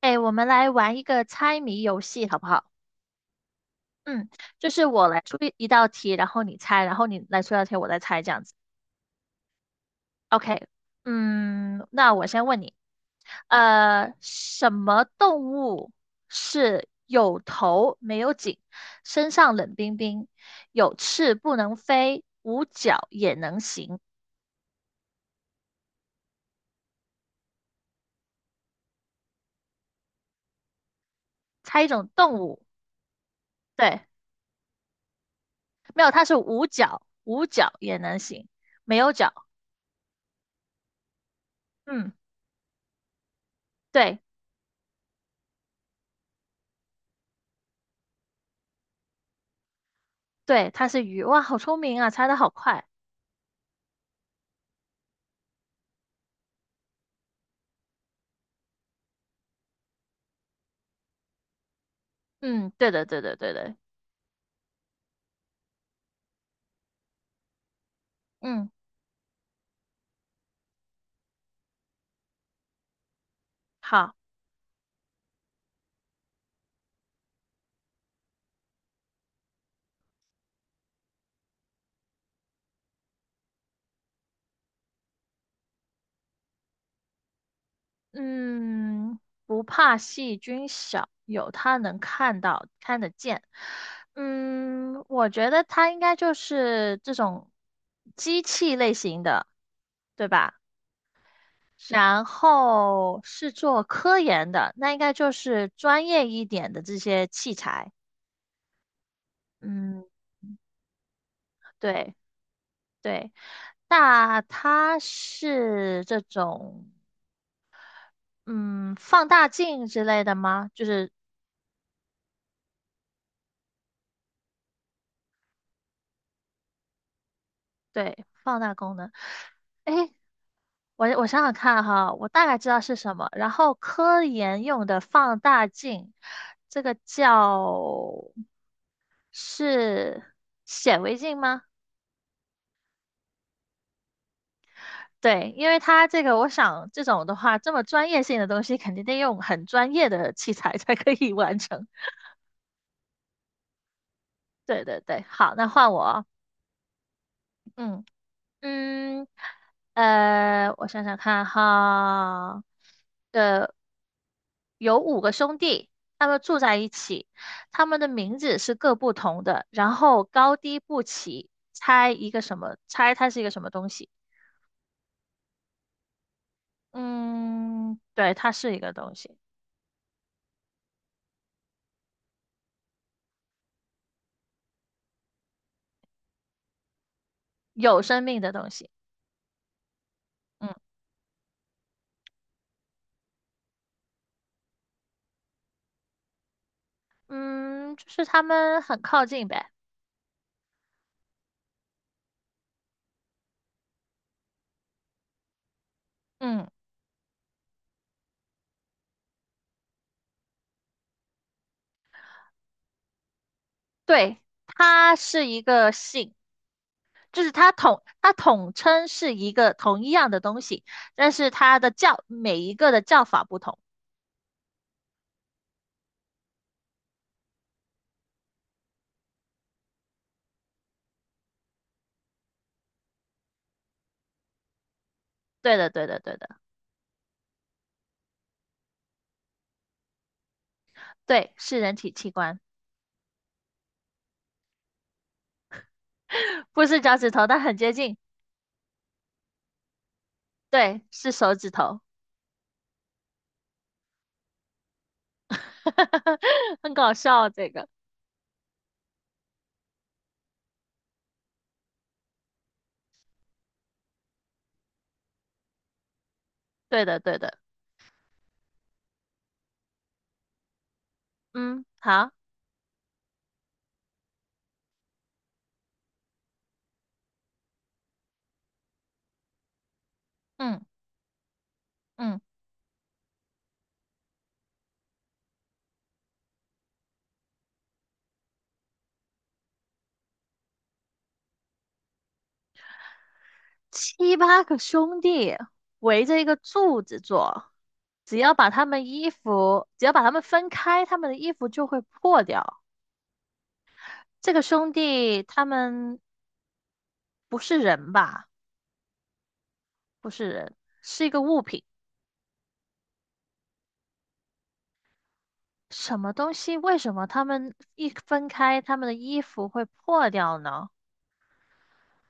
哎，我们来玩一个猜谜游戏，好不好？嗯，就是我来出一道题，然后你猜，然后你来出一道题，我再猜，这样子。OK，嗯，那我先问你，什么动物是有头没有颈，身上冷冰冰，有翅不能飞，无脚也能行？猜一种动物，对，没有，它是无脚，无脚也能行，没有脚。嗯，对。对，它是鱼，哇，好聪明啊，猜的好快。嗯，对的，对的，对的。嗯，好，嗯，不怕细菌小，有它能看到、看得见。嗯，我觉得它应该就是这种机器类型的，对吧？然后是做科研的，那应该就是专业一点的这些器材。嗯，对对。那它是这种嗯，放大镜之类的吗？就是对，放大功能。诶，我想想看哈，我大概知道是什么。然后科研用的放大镜，这个叫是显微镜吗？对，因为它这个，我想这种的话，这么专业性的东西，肯定得用很专业的器材才可以完成。对对对，好，那换我哦嗯。嗯，我想想看哈，呃，有五个兄弟，他们住在一起，他们的名字是各不同的，然后高低不齐，猜一个什么？猜它是一个什么东西？嗯，对，它是一个东西，有生命的东西。嗯嗯，就是他们很靠近呗。嗯，对，它是一个姓。就是它统称是一个同一样的东西，但是它的叫每一个的叫法不同。对的，对的，对的，对，是人体器官，不是脚趾头，但很接近。对，是手指头，很搞笑啊这个。对的，对的，嗯，好，嗯嗯，七八个兄弟围着一个柱子坐，只要把他们衣服，只要把他们分开，他们的衣服就会破掉。这个兄弟他们不是人吧？不是人，是一个物品。什么东西？为什么他们一分开，他们的衣服会破掉呢？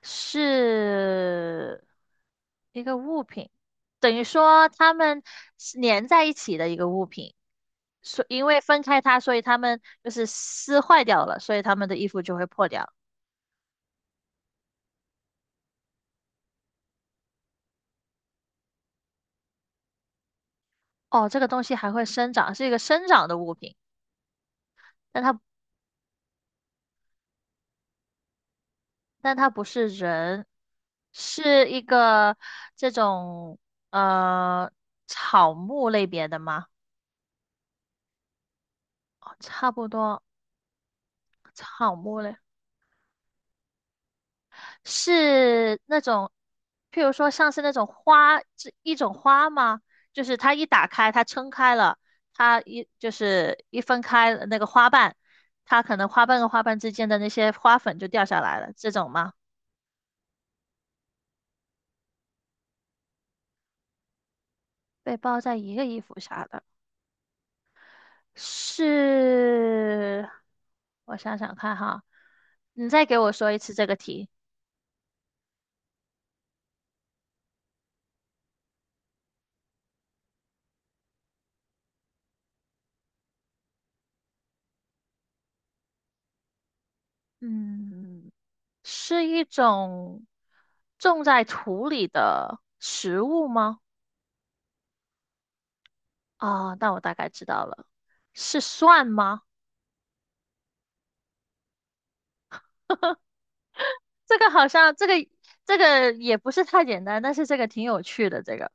是一个物品，等于说他们是粘在一起的一个物品。所因为分开它，所以他们就是撕坏掉了，所以他们的衣服就会破掉。哦，这个东西还会生长，是一个生长的物品，但它但它不是人，是一个这种呃草木类别的吗？哦差不多，草木类是那种，譬如说像是那种花，这一种花吗？就是它一打开，它撑开了，它一就是一分开那个花瓣，它可能花瓣跟花瓣之间的那些花粉就掉下来了，这种吗？被包在一个衣服下的。是，我想想看哈，你再给我说一次这个题。嗯，是一种种在土里的食物吗？啊、那我大概知道了，是蒜吗？这个好像，这个也不是太简单，但是这个挺有趣的。这个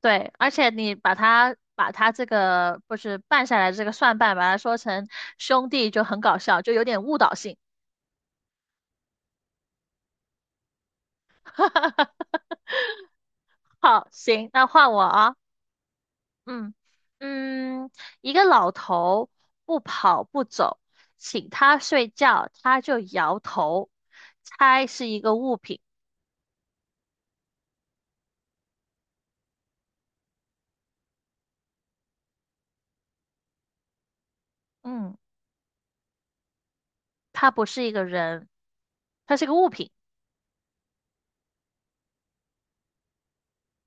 对，而且你把它这个不是拌下来这个蒜瓣，把它说成兄弟就很搞笑，就有点误导性。好，行，那换我啊。嗯嗯，一个老头不跑不走，请他睡觉，他就摇头。猜是一个物品。嗯，他不是一个人，他是个物品。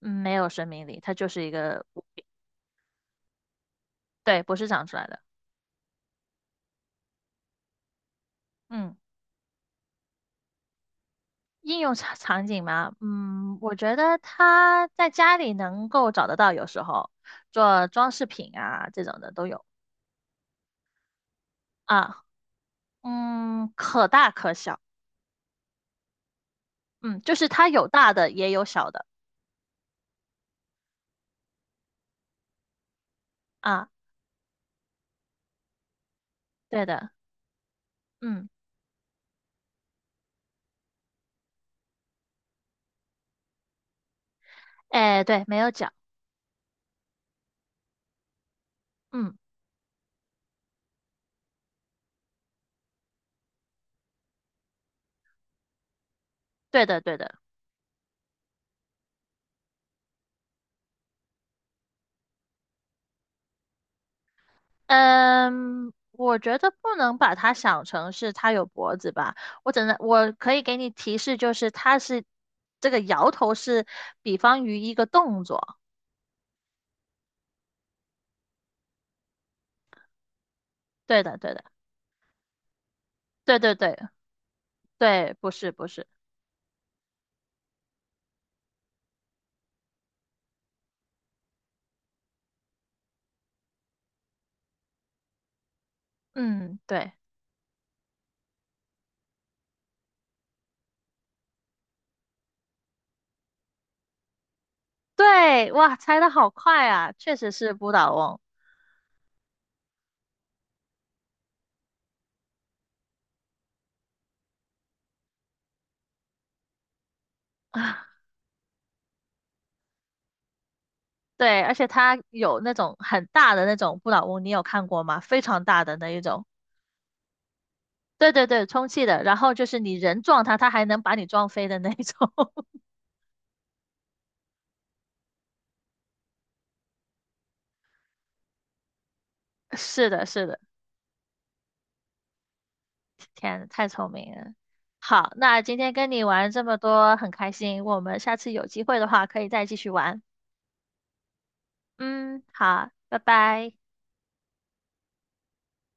嗯没有生命力，他就是一个物品。对，不是长出来的。嗯，应用场景嘛，嗯，我觉得他在家里能够找得到，有时候做装饰品啊这种的都有啊。嗯，可大可小。嗯，就是它有大的也有小的啊，对的，嗯，哎，对，没有脚，嗯，对的，对的，嗯，我觉得不能把它想成是它有脖子吧，我只能我可以给你提示，就是它是这个摇头是比方于一个动作，对的，对的，对对对对，不是不是，嗯，对对，哇，猜的好快啊，确实是不倒翁，对，而且它有那种很大的那种不倒翁，你有看过吗？非常大的那一种。对对对，充气的，然后就是你人撞它，它还能把你撞飞的那一种。是的，是的，天，太聪明了。好，那今天跟你玩这么多，很开心。我们下次有机会的话，可以再继续玩。嗯，好，拜拜。